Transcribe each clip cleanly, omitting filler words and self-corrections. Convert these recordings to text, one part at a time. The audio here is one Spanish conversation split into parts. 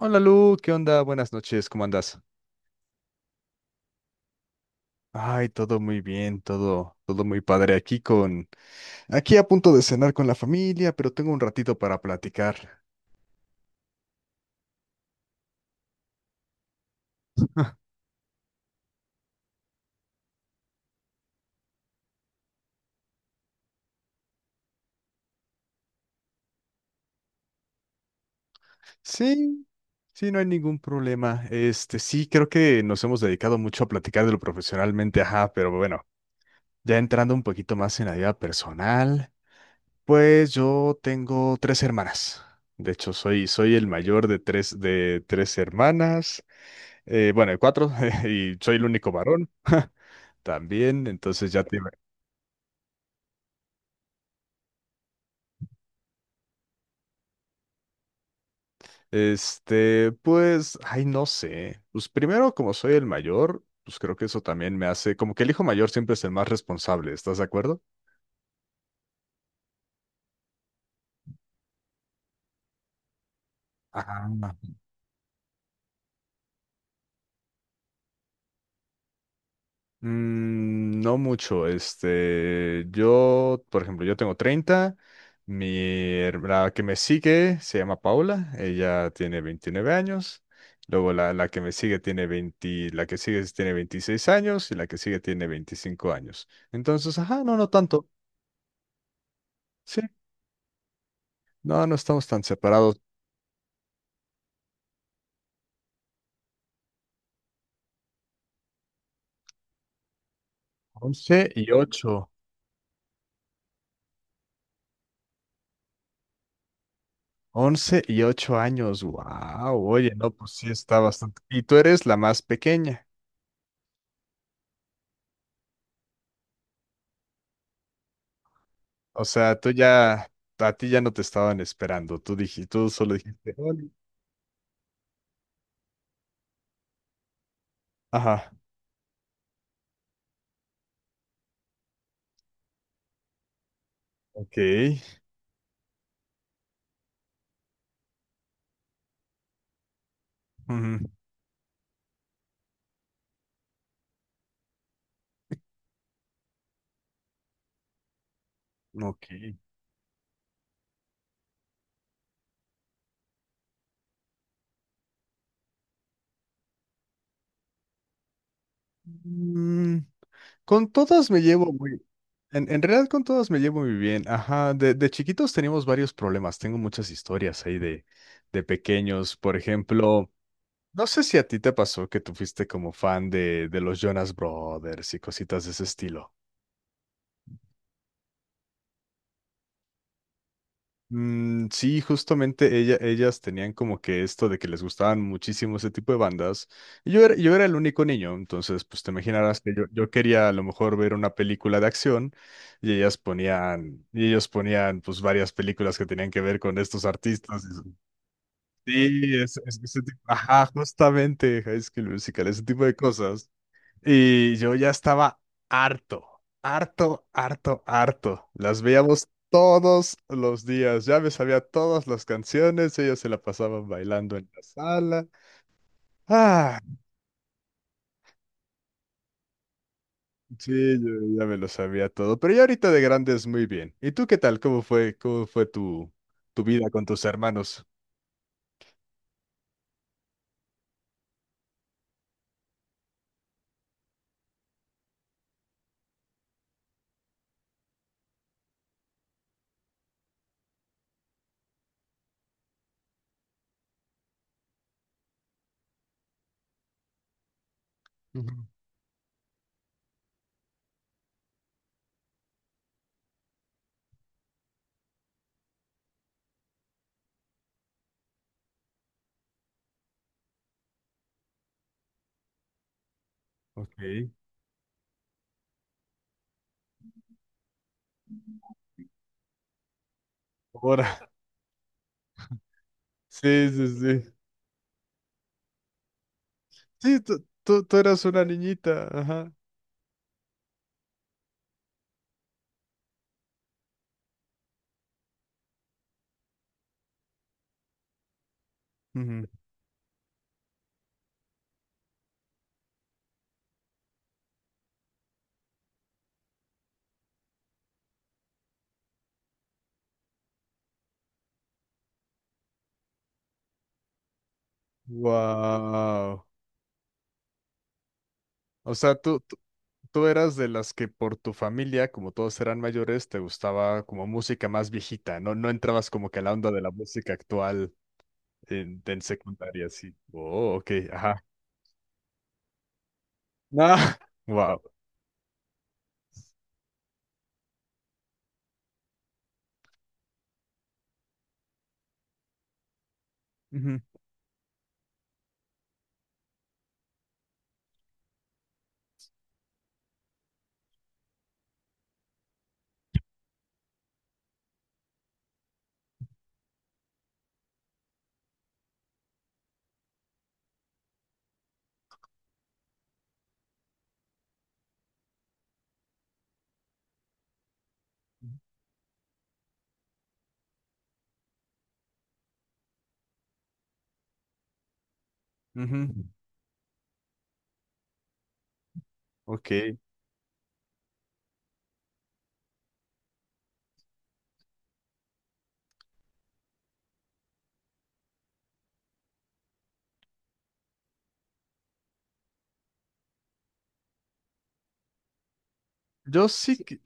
Hola Lu, ¿qué onda? Buenas noches, ¿cómo andas? Ay, todo muy bien, todo muy padre aquí aquí a punto de cenar con la familia, pero tengo un ratito para platicar. Sí, sí, no hay ningún problema. Sí, creo que nos hemos dedicado mucho a platicar de lo profesionalmente, ajá, pero bueno, ya entrando un poquito más en la vida personal, pues yo tengo tres hermanas. De hecho, soy el mayor de tres hermanas, bueno, de cuatro, y soy el único varón. También, entonces Pues, ay, no sé. Pues primero, como soy el mayor, pues creo que eso también me hace, como que el hijo mayor siempre es el más responsable, ¿estás de acuerdo? Ah, mm, no mucho, yo, por ejemplo, yo tengo 30. La que me sigue se llama Paula, ella tiene 29 años, luego la que me sigue tiene 20, la que sigue tiene 26 años y la que sigue tiene 25 años. Entonces, ajá, no, no tanto. Sí, no, no estamos tan separados. 11 y 8, 11 y 8 años. Wow, oye, no, pues sí está bastante. Y tú eres la más pequeña. O sea, a ti ya no te estaban esperando. Tú solo dijiste, "Hola". Ajá, ok. Ujú, ok. Mm, con todas me llevo muy. En realidad con todas me llevo muy bien. Ajá, de chiquitos teníamos varios problemas. Tengo muchas historias ahí de pequeños. Por ejemplo. No sé si a ti te pasó que tú fuiste como fan de los Jonas Brothers y cositas de ese estilo. Mm, sí, justamente ellas tenían como que esto de que les gustaban muchísimo ese tipo de bandas. Y yo era el único niño, entonces pues te imaginarás que yo quería a lo mejor ver una película de acción y ellas ponían, y ellos ponían pues varias películas que tenían que ver con estos artistas. Y- Sí, ese tipo, ajá, justamente High School Musical, ese tipo de cosas. Y yo ya estaba harto, harto, harto, harto. Las veíamos todos los días. Ya me sabía todas las canciones. Ellas se la pasaban bailando en la sala. Ah, sí, yo ya me lo sabía todo. Pero ya ahorita de grandes muy bien. ¿Y tú qué tal? ¿Cómo fue tu vida con tus hermanos? Ujú. Ok. Ahora. Sí, sí, sí. Sí, tú eras una niñita. Ajá. Wow. O sea, tú eras de las que por tu familia, como todos eran mayores, te gustaba como música más viejita, ¿no? No entrabas como que a la onda de la música actual en secundaria, sí. Oh, ok, ajá. Ah, wow. Ujú, ujú, ok. Yo sí, Sí. que-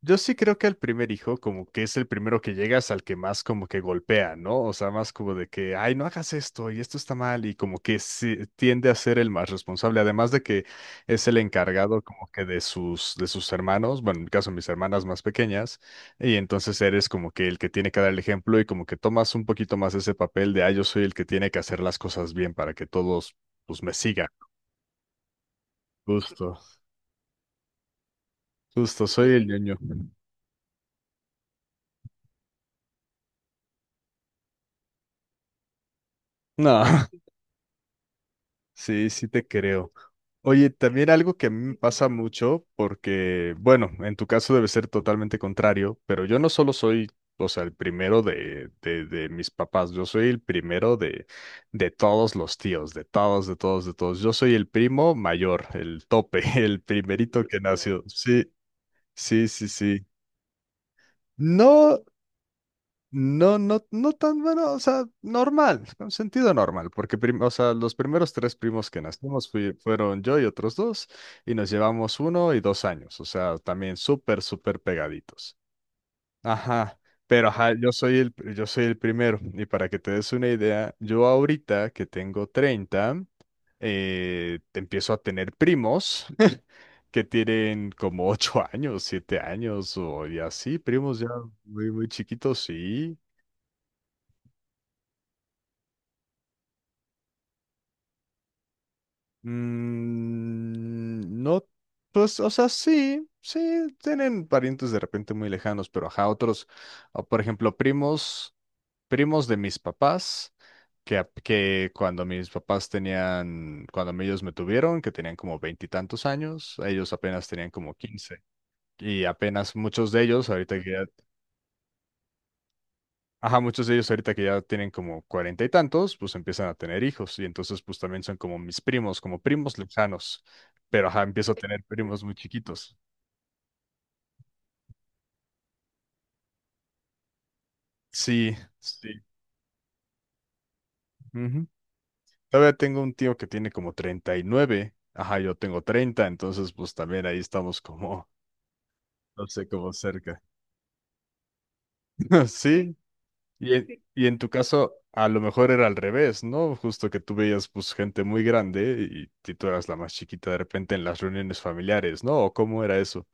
Yo sí creo que al primer hijo, como que es el primero que llegas al que más como que golpea, ¿no? O sea, más como de que, ay, no hagas esto y esto está mal y como que sí, tiende a ser el más responsable, además de que es el encargado como que de sus hermanos, bueno, en mi caso mis hermanas más pequeñas, y entonces eres como que el que tiene que dar el ejemplo y como que tomas un poquito más ese papel de, ay, yo soy el que tiene que hacer las cosas bien para que todos, pues, me sigan. Justo, justo, soy el ñoño. No. Sí, sí te creo. Oye, también algo que a mí me pasa mucho, porque, bueno, en tu caso debe ser totalmente contrario, pero yo no solo soy, o sea, el primero de mis papás, yo soy el primero de todos los tíos, de todos, de todos, de todos. Yo soy el primo mayor, el tope, el primerito que nació. Sí, sí, sí, sí. No, no, no, no tan bueno, o sea, normal, con sentido normal, porque o sea, los primeros tres primos que nacimos fueron yo y otros dos, y nos llevamos 1 y 2 años, o sea, también súper, súper pegaditos. Ajá, pero ajá, yo soy el primero, y para que te des una idea, yo ahorita que tengo 30, te empiezo a tener primos que tienen como 8 años, 7 años, o y así, primos ya muy, muy chiquitos, sí. Mm, no, pues, o sea, sí, sí, tienen parientes de repente muy lejanos, pero ajá, otros, o por ejemplo, primos de mis papás, que cuando mis papás tenían, cuando ellos me tuvieron, que tenían como veintitantos años, ellos apenas tenían como 15. Y apenas muchos de ellos, ahorita que ya ajá, muchos de ellos ahorita que ya tienen como cuarenta y tantos, pues empiezan a tener hijos y entonces pues también son como mis primos, como primos lejanos, pero ajá, empiezo a tener primos muy chiquitos. Sí, sí. Ujú. Todavía tengo un tío que tiene como 39, ajá, yo tengo 30, entonces pues también ahí estamos como, no sé, como cerca. Sí, y en tu caso a lo mejor era al revés, ¿no? Justo que tú veías pues gente muy grande y tú eras la más chiquita de repente en las reuniones familiares, ¿no? ¿O cómo era eso?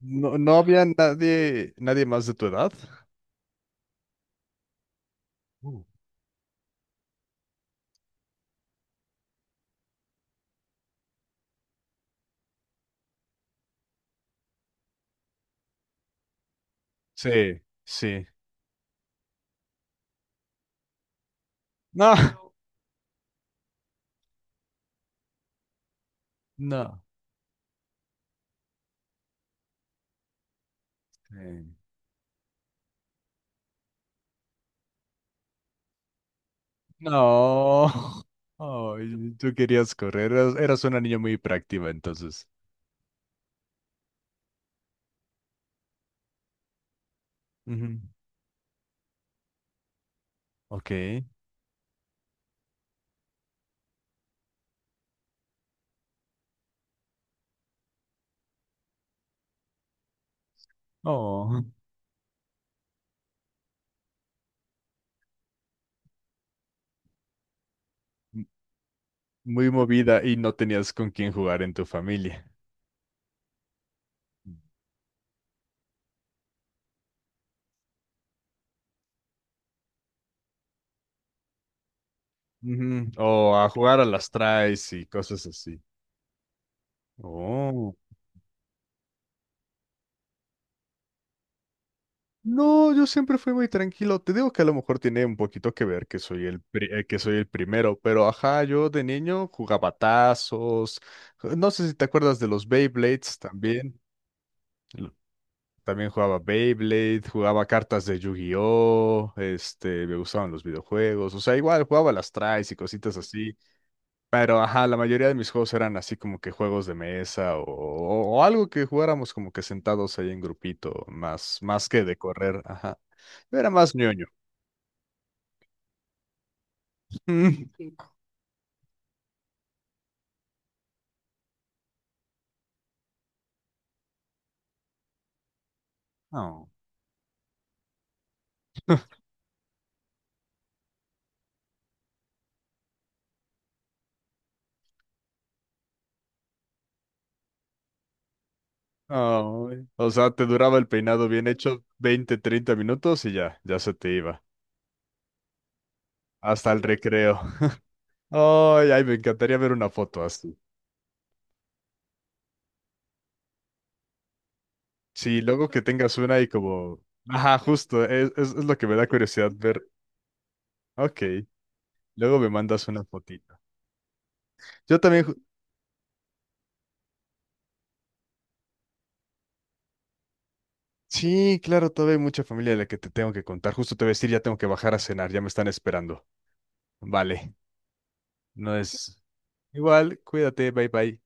No, no había nadie, nadie más de tu edad. Uh. Sí, sí. No, no, sí. No. Ay, tú querías correr. Eras una niña muy práctica entonces. Ujú. Ok. Oh. M- Muy movida y no tenías con quién jugar en tu familia. Ujú. O a jugar a las traes y cosas así. Oh. No, yo siempre fui muy tranquilo. Te digo que a lo mejor tiene un poquito que ver que soy el que soy el primero, pero ajá, yo de niño jugaba tazos. No sé si te acuerdas de los Beyblades también. Lo- También jugaba Beyblade, jugaba cartas de Yu-Gi-Oh, me gustaban los videojuegos, o sea, igual jugaba las tries y cositas así. Pero, ajá, la mayoría de mis juegos eran así como que juegos de mesa o, o algo que jugáramos como que sentados ahí en grupito, más que de correr, ajá. Yo era más ñoño. No. Ay, o sea, te duraba el peinado bien hecho 20 30 minutos y ya, ya se te iba. Hasta el recreo. Ay, ay, me encantaría ver una foto así. Sí, luego que tengas una y como... Ajá, justo, es lo que me da curiosidad ver. Ok, luego me mandas una fotito. Yo también, sí, claro, todavía hay mucha familia de la que te tengo que contar. Justo te voy a decir, ya tengo que bajar a cenar, ya me están esperando. Vale, no es igual, cuídate, bye bye.